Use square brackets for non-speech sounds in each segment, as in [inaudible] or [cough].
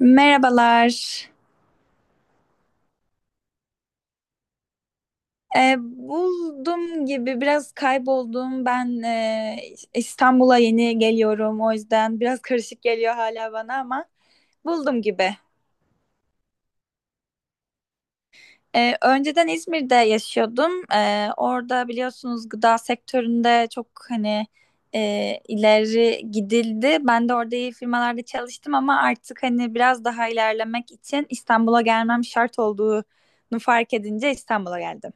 Merhabalar. Buldum gibi biraz kayboldum. Ben İstanbul'a yeni geliyorum. O yüzden biraz karışık geliyor hala bana ama buldum gibi. Önceden İzmir'de yaşıyordum. Orada biliyorsunuz gıda sektöründe çok hani ileri gidildi. Ben de orada iyi firmalarda çalıştım ama artık hani biraz daha ilerlemek için İstanbul'a gelmem şart olduğunu fark edince İstanbul'a geldim.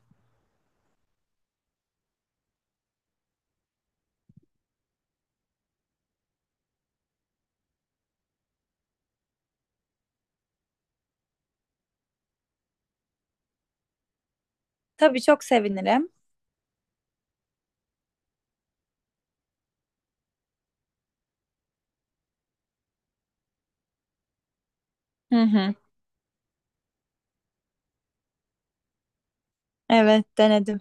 Tabii çok sevinirim. Hı hı. Evet denedim.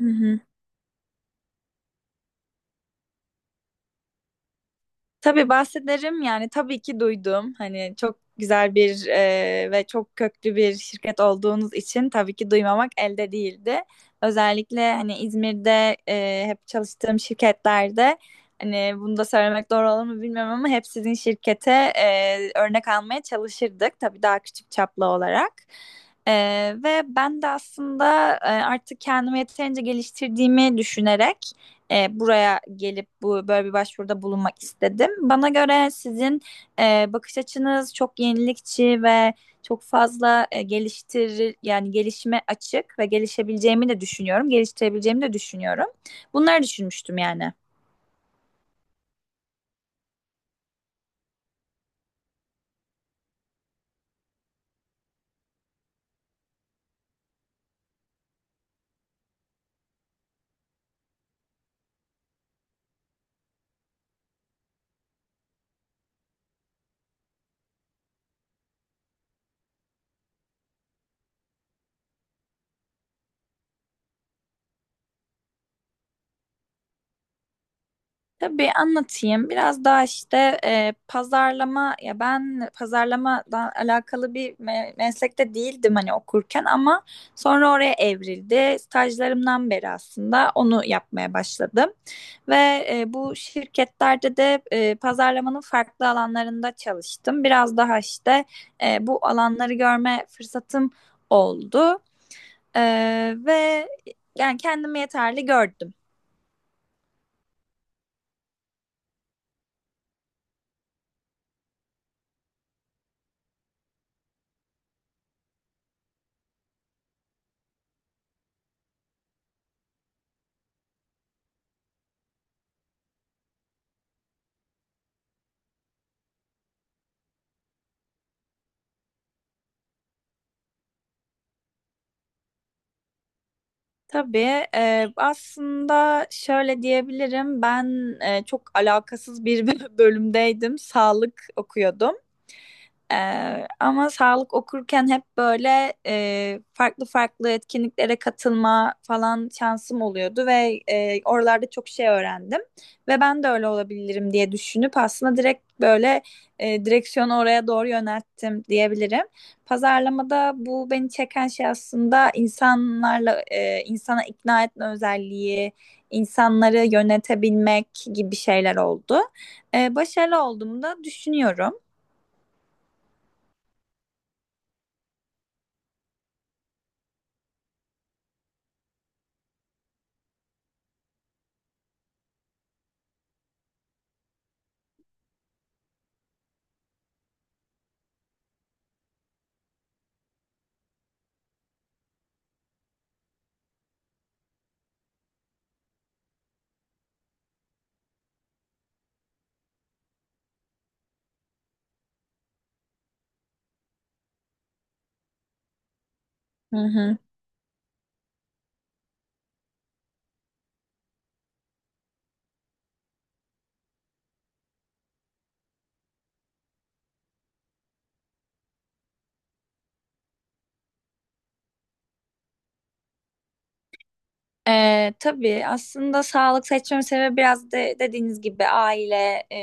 Hı hı. Tabii bahsederim, yani tabii ki duydum. Hani çok güzel bir ve çok köklü bir şirket olduğunuz için tabii ki duymamak elde değildi. Özellikle hani İzmir'de hep çalıştığım şirketlerde hani bunu da söylemek doğru olur mu bilmiyorum ama hep sizin şirkete örnek almaya çalışırdık. Tabii daha küçük çaplı olarak. E, Ve ben de aslında artık kendimi yeterince geliştirdiğimi düşünerek buraya gelip bu böyle bir başvuruda bulunmak istedim. Bana göre sizin bakış açınız çok yenilikçi ve çok fazla e, geliştir yani gelişime açık ve gelişebileceğimi de düşünüyorum, geliştirebileceğimi de düşünüyorum. Bunları düşünmüştüm yani. Tabii anlatayım. Biraz daha işte pazarlama ya, ben pazarlamadan alakalı bir meslekte değildim hani okurken ama sonra oraya evrildi. Stajlarımdan beri aslında onu yapmaya başladım. Ve bu şirketlerde de pazarlamanın farklı alanlarında çalıştım. Biraz daha işte bu alanları görme fırsatım oldu. E, Ve yani kendimi yeterli gördüm. Tabii aslında şöyle diyebilirim, ben çok alakasız bir [laughs] bölümdeydim, sağlık okuyordum, ama sağlık okurken hep böyle farklı farklı etkinliklere katılma falan şansım oluyordu ve oralarda çok şey öğrendim ve ben de öyle olabilirim diye düşünüp aslında direkt böyle direksiyonu oraya doğru yönelttim diyebilirim. Pazarlamada bu beni çeken şey aslında insanlarla insana ikna etme özelliği, insanları yönetebilmek gibi şeyler oldu. Başarılı olduğumu da düşünüyorum. Hı hı. Tabii aslında sağlık seçmemin sebebi biraz de, dediğiniz gibi aile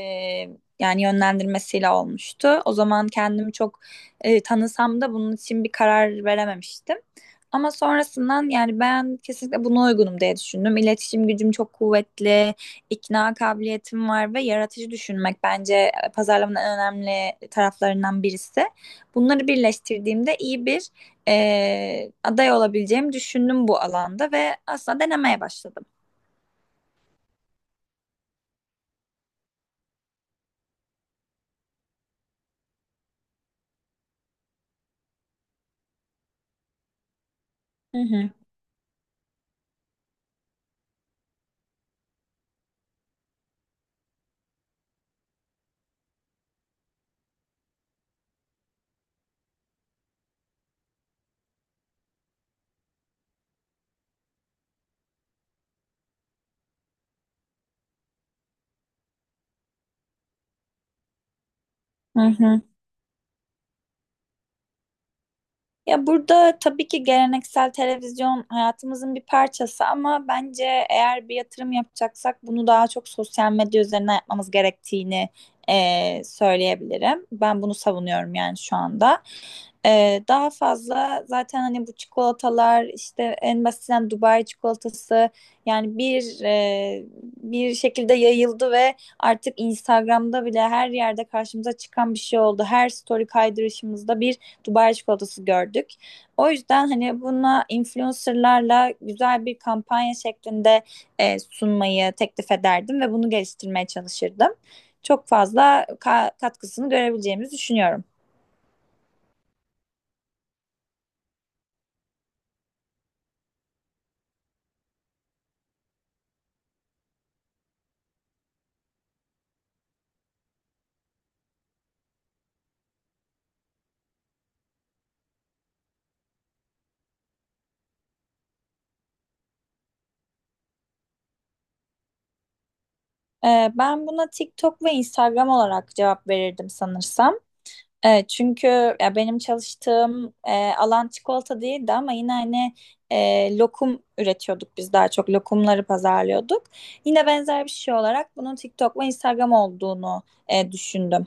yani yönlendirmesiyle olmuştu. O zaman kendimi çok tanısam da bunun için bir karar verememiştim. Ama sonrasından, yani ben kesinlikle buna uygunum diye düşündüm. İletişim gücüm çok kuvvetli, ikna kabiliyetim var ve yaratıcı düşünmek bence pazarlamanın en önemli taraflarından birisi. Bunları birleştirdiğimde iyi bir aday olabileceğimi düşündüm bu alanda ve aslında denemeye başladım. Hı hı. Hı hı. Ya burada tabii ki geleneksel televizyon hayatımızın bir parçası ama bence eğer bir yatırım yapacaksak bunu daha çok sosyal medya üzerinden yapmamız gerektiğini söyleyebilirim. Ben bunu savunuyorum yani şu anda. Daha fazla zaten hani bu çikolatalar işte en basitinden Dubai çikolatası yani bir şekilde yayıldı ve artık Instagram'da bile her yerde karşımıza çıkan bir şey oldu. Her story kaydırışımızda bir Dubai çikolatası gördük. O yüzden hani buna influencerlarla güzel bir kampanya şeklinde sunmayı teklif ederdim ve bunu geliştirmeye çalışırdım. Çok fazla katkısını görebileceğimizi düşünüyorum. Ben buna TikTok ve Instagram olarak cevap verirdim sanırsam. Çünkü ya benim çalıştığım alan çikolata değildi ama yine hani lokum üretiyorduk, biz daha çok lokumları pazarlıyorduk. Yine benzer bir şey olarak bunun TikTok ve Instagram olduğunu düşündüm.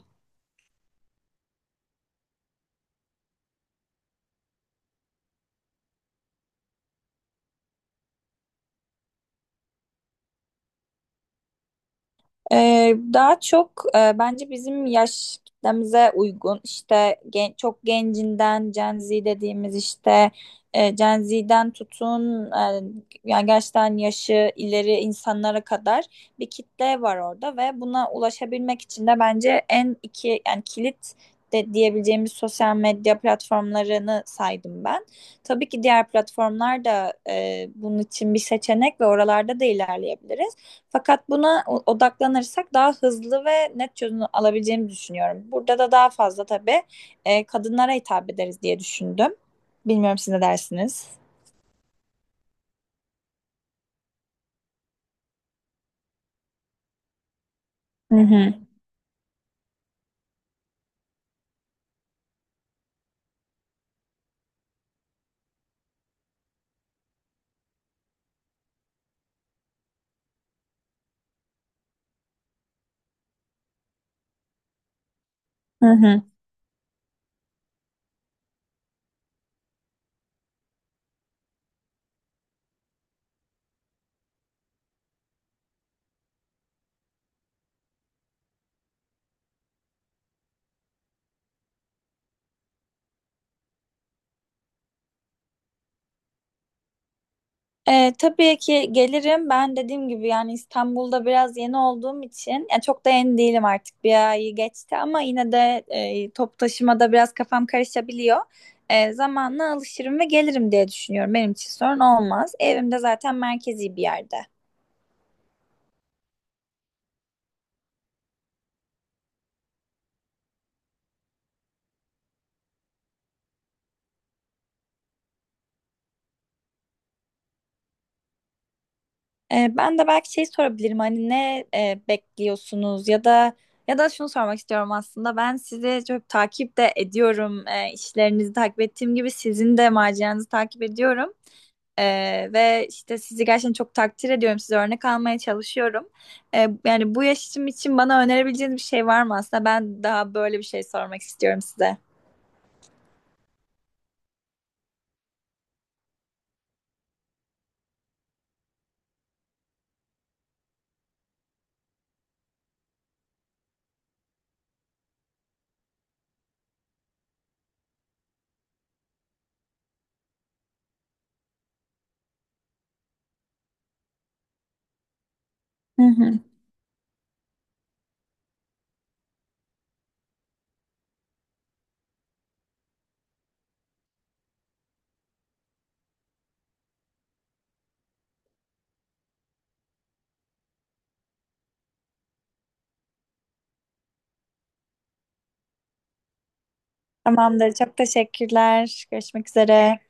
Daha çok bence bizim yaş kitlemize uygun işte çok gencinden Gen Z dediğimiz işte Gen Z'den tutun yani gerçekten yaşı ileri insanlara kadar bir kitle var orada ve buna ulaşabilmek için de bence en iki, yani kilit de diyebileceğimiz sosyal medya platformlarını saydım ben. Tabii ki diğer platformlar da bunun için bir seçenek ve oralarda da ilerleyebiliriz. Fakat buna odaklanırsak daha hızlı ve net çözüm alabileceğimizi düşünüyorum. Burada da daha fazla tabii kadınlara hitap ederiz diye düşündüm. Bilmiyorum, siz ne dersiniz? Hı hı. Hı hı. Tabii ki gelirim. Ben dediğim gibi yani İstanbul'da biraz yeni olduğum için, ya çok da yeni değilim artık. Bir ayı geçti ama yine de top taşımada biraz kafam karışabiliyor. Zamanla alışırım ve gelirim diye düşünüyorum. Benim için sorun olmaz. Evim de zaten merkezi bir yerde. Ben de belki şey sorabilirim, hani ne bekliyorsunuz, ya da şunu sormak istiyorum aslında, ben sizi çok takip de ediyorum. İşlerinizi takip ettiğim gibi sizin de maceranızı takip ediyorum. Ve işte sizi gerçekten çok takdir ediyorum, size örnek almaya çalışıyorum. Yani bu yaşım için bana önerebileceğiniz bir şey var mı, aslında ben daha böyle bir şey sormak istiyorum size. Hı hı. Tamamdır. Çok teşekkürler. Görüşmek üzere.